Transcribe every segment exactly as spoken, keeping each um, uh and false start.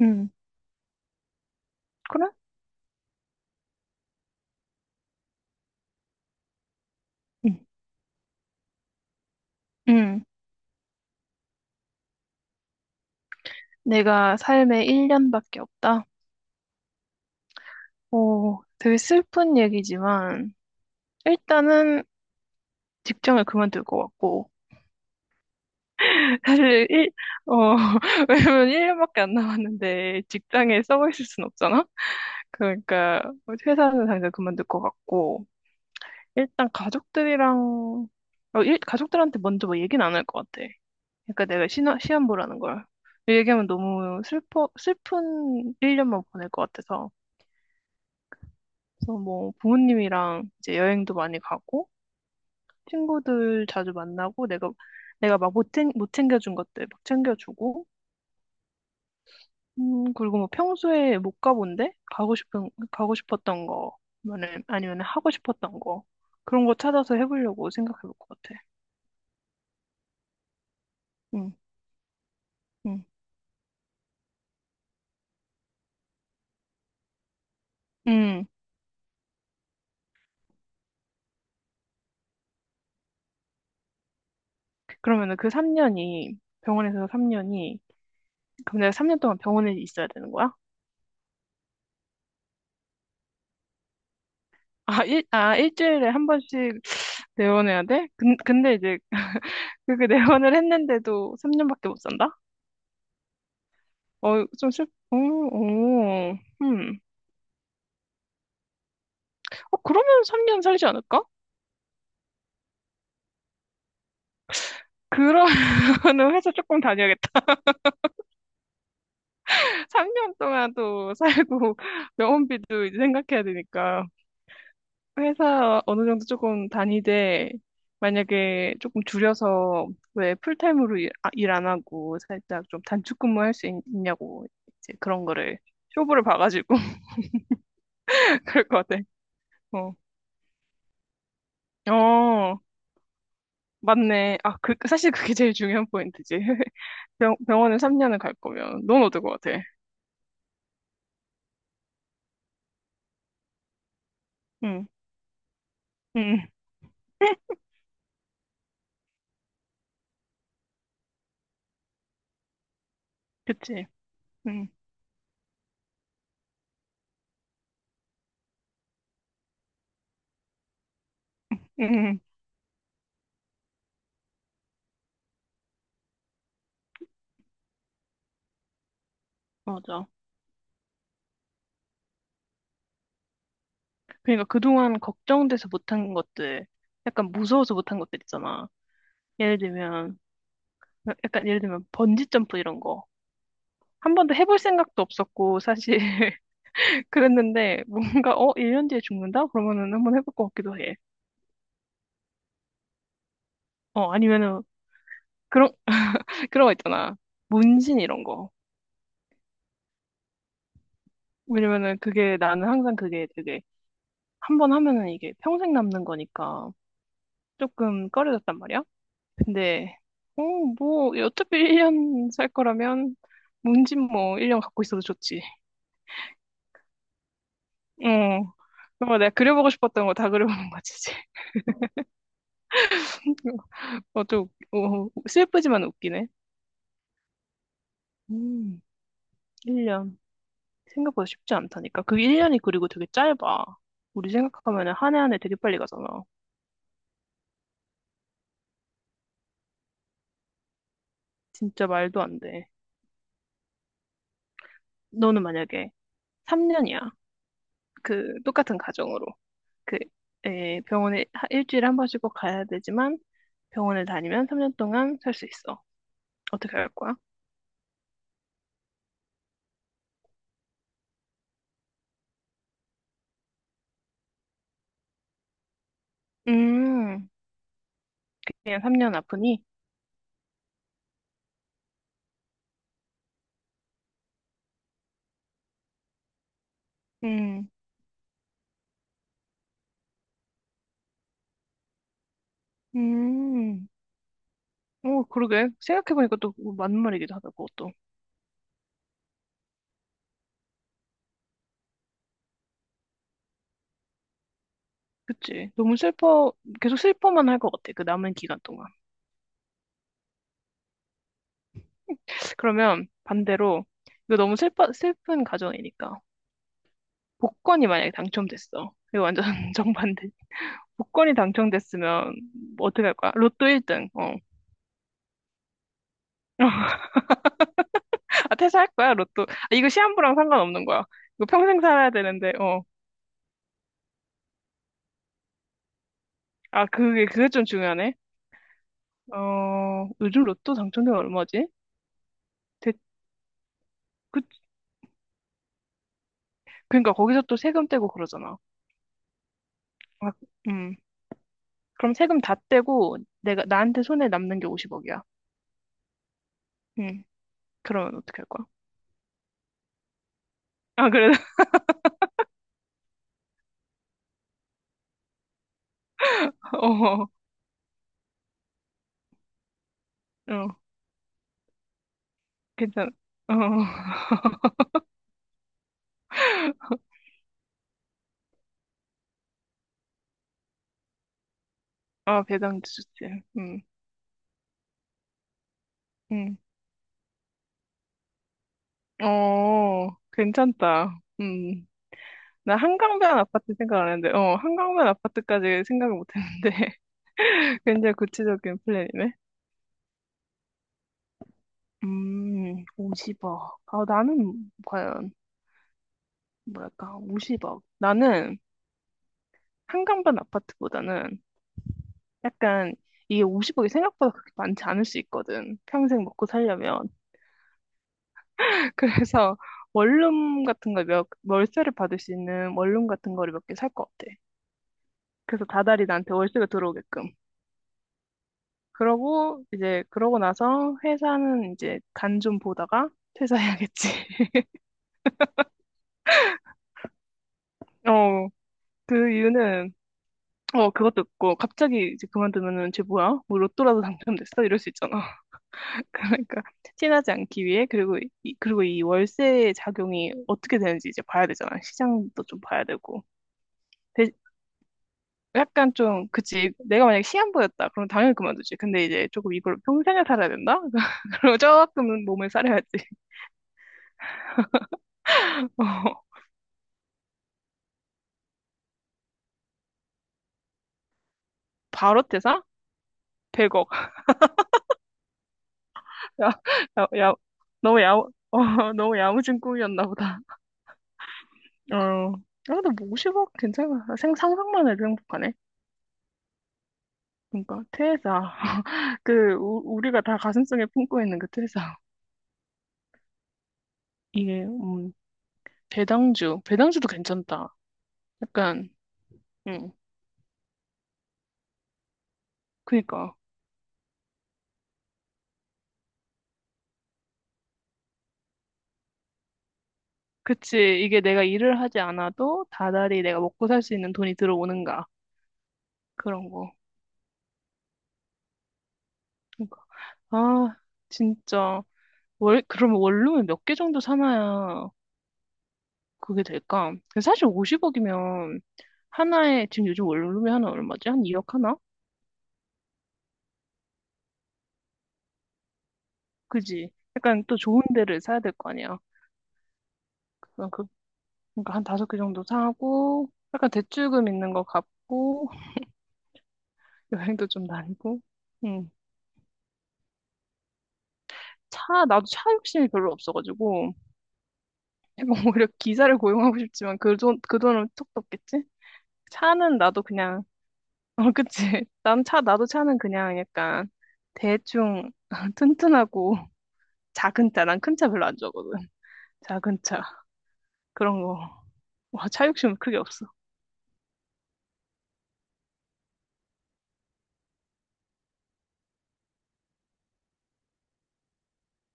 응, 그래? 응. 응, 내가 삶에 일 년밖에 없다. 오, 되게 슬픈 얘기지만, 일단은 직장을 그만둘 것 같고, 사실 일, 어, 왜냐면 일 년밖에 안 남았는데 직장에 썩어 있을 순 없잖아? 그러니까 회사는 당장 그만둘 것 같고, 일단 가족들이랑, 어, 일, 가족들한테 먼저 뭐 얘기는 안 할 것 같아. 그러니까 내가 시험 시험 보라는 걸. 얘기하면 너무 슬퍼, 슬픈 일 년만 보낼 것 같아서. 그래서 뭐 부모님이랑 이제 여행도 많이 가고 친구들 자주 만나고 내가 내가 막 못 챙, 못 챙겨준 것들 막 챙겨주고 음 그리고 뭐 평소에 못 가본 데 가고 싶은 가고 싶었던 거 아니면 아니면 하고 싶었던 거 그런 거 찾아서 해보려고 생각해 볼 것 같아. 음, 음, 음. 그러면은 그 삼 년이, 병원에서 삼 년이, 그럼 내가 삼 년 동안 병원에 있어야 되는 거야? 아, 일, 아, 일주일에 한 번씩 내보내야 돼? 근, 근데 이제 그게 내원을 했는데도 삼 년밖에 못 산다? 어, 좀 슬, 어, 어, 음. 어, 그러면 삼 년 살지 않을까? 그러면은 회사 조금 다녀야겠다. 삼 년 동안도 살고, 병원비도 이제 생각해야 되니까. 회사 어느 정도 조금 다니되, 만약에 조금 줄여서, 왜 풀타임으로 일 안 하고, 살짝 좀 단축 근무할 수 있, 냐고 이제 그런 거를, 쇼부를 봐가지고, 그럴 것 같아. 어. 어. 맞네. 아, 그, 사실 그게 제일 중요한 포인트지. 병, 병원을 삼 년을 갈 거면, 넌 어떨 것 같아? 응, 응, 그치. 응, 응, 맞아. 그러니까 그동안 걱정돼서 못한 것들, 약간 무서워서 못한 것들 있잖아. 예를 들면, 약간 예를 들면 번지점프 이런 거. 한 번도 해볼 생각도 없었고, 사실. 그랬는데, 뭔가, 어, 일 년 뒤에 죽는다? 그러면은 한번 해볼 것 같기도 해. 어, 아니면은, 그런, 그런 거 있잖아. 문신 이런 거. 왜냐면은 그게 나는 항상 그게 되게 한 번 하면은 이게 평생 남는 거니까 조금 꺼려졌단 말이야. 근데 어, 뭐 어차피 일 년 살 거라면 문진 뭐 일 년 갖고 있어도 좋지. 어. 그거 내가 그려보고 싶었던 거 다 그려보는 거지, 이제. 어, 좀, 어, 슬프지만 웃기네. 음, 일 년. 생각보다 쉽지 않다니까. 그 일 년이 그리고 되게 짧아. 우리 생각하면 한 해 한 해 되게 빨리 가잖아. 진짜 말도 안 돼. 너는 만약에 삼 년이야. 그, 똑같은 가정으로. 그, 에, 병원에 하- 일주일에 한 번씩 꼭 가야 되지만 병원을 다니면 삼 년 동안 살 수 있어. 어떻게 할 거야? 음, 그냥 삼 년 아프니? 음, 음. 어, 그러게. 생각해보니까 또 그거 맞는 말이기도 하다, 그것도. 그치. 너무 슬퍼, 계속 슬퍼만 할 것 같아, 그 남은 기간 동안. 그러면 반대로, 이거 너무 슬퍼, 슬픈 가정이니까. 복권이 만약에 당첨됐어. 이거 완전 정반대. 복권이 당첨됐으면 뭐 어떻게 할 거야? 로또 일 등. 어. 아, 퇴사할 거야, 로또. 아, 이거 시한부랑 상관없는 거야. 이거 평생 살아야 되는데, 어. 아, 그게, 그게 좀 중요하네. 어, 요즘 로또 당첨료가 얼마지? 대, 그, 그러니까 거기서 또 세금 떼고 그러잖아. 아, 음. 그럼 세금 다 떼고, 내가, 나한테 손에 남는 게 오십억이야. 음. 그러면 어떻게 할 거야? 아, 그래? 어, 어, 괜찮아. 어, 아, 배당주 좋지. 음, 음. 어, 괜찮다. 음. 나 한강변 아파트 생각 안 했는데, 어, 한강변 아파트까지 생각을 못 했는데. 굉장히 구체적인 플랜이네. 음, 오십억. 아, 나는 과연, 뭐랄까, 오십억. 나는 한강변 아파트보다는 약간 이게 오십억이 생각보다 그렇게 많지 않을 수 있거든. 평생 먹고 살려면. 그래서 원룸 같은 거 몇, 월세를 받을 수 있는 원룸 같은 거를 몇 개 살 것 같아. 그래서 다달이 나한테 월세가 들어오게끔. 그러고 이제 그러고 나서 회사는 이제 간 좀 보다가 퇴사해야겠지. 어, 그 이유는 어, 그것도 있고 갑자기 이제 그만두면은 쟤 뭐야? 뭐 로또라도 당첨됐어? 이럴 수 있잖아. 그러니까 티나지 않기 위해 그리고 이, 그리고 이 월세 작용이 어떻게 되는지 이제 봐야 되잖아. 시장도 좀 봐야 되고. 대- 약간 좀 그치, 내가 만약에 시한부였다 그럼 당연히 그만두지. 근데 이제 조금 이걸 평생을 살아야 된다. 그럼 조금 몸을 사려야지. 어, 바로 퇴사? 백억. 야, 야, 야, 너무 야무, 어, 너무 야무진 꿈이었나 보다. 어, 아, 근데 뭐 오십억 괜찮아. 생, 상상만 해도 행복하네. 그러니까, 퇴사. 그, 우, 우리가 다 가슴속에 품고 있는 그 퇴사. 이게, 음, 배당주. 배당주도 괜찮다. 약간, 음, 그니까. 그치. 이게 내가 일을 하지 않아도 다달이 내가 먹고 살 수 있는 돈이 들어오는가. 그런 거. 그러니까. 아, 진짜. 월, 그러면 원룸을 몇 개 정도 사나야 그게 될까? 근데 사실 오십억이면 하나에 지금 요즘 원룸이 하나 얼마지? 한 이억 하나? 그지? 약간 또 좋은 데를 사야 될 거 아니야. 그냥 그, 그러니까 한 다섯 개 정도 사고 약간 대출금 있는 거 갚고 여행도 좀 다니고. 음. 차 나도 차 욕심이 별로 없어가지고 오히려 기사를 고용하고 싶지만 그 돈, 그 돈은 톡 떴겠지? 차는 나도 그냥 어, 그치? 난 차 나도 차는 그냥 약간 대충 튼튼하고 작은 차, 난 큰 차 별로 안 좋아하거든. 작은 차 그런 거. 와, 차 욕심은 크게 없어.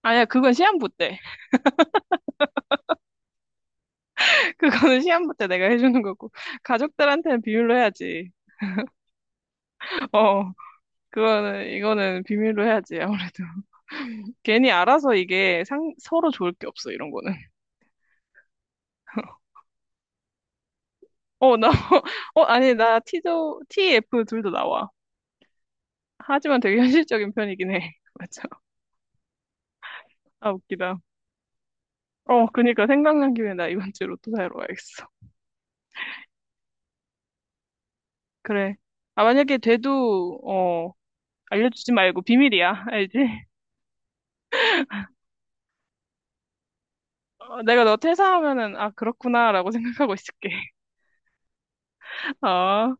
아니야, 그건 시한부 때. 그거는 시한부 때 내가 해주는 거고 가족들한테는 비밀로 해야지. 어, 그거는 이거는 비밀로 해야지 아무래도. 괜히 알아서 이게 상, 서로 좋을 게 없어, 이런 거는. 어, 나, 어, 아니 나 T도 티에프 둘도 나와. 하지만 되게 현실적인 편이긴 해. 맞아. 아, 웃기다. 어, 그니까 생각난 김에 나 이번 주에 로또 사러 와야겠어. 그래. 아, 만약에 돼도, 어, 알려주지 말고 비밀이야. 알지? 어, 내가 너 퇴사하면은, 아, 그렇구나라고 생각하고 있을게. 어.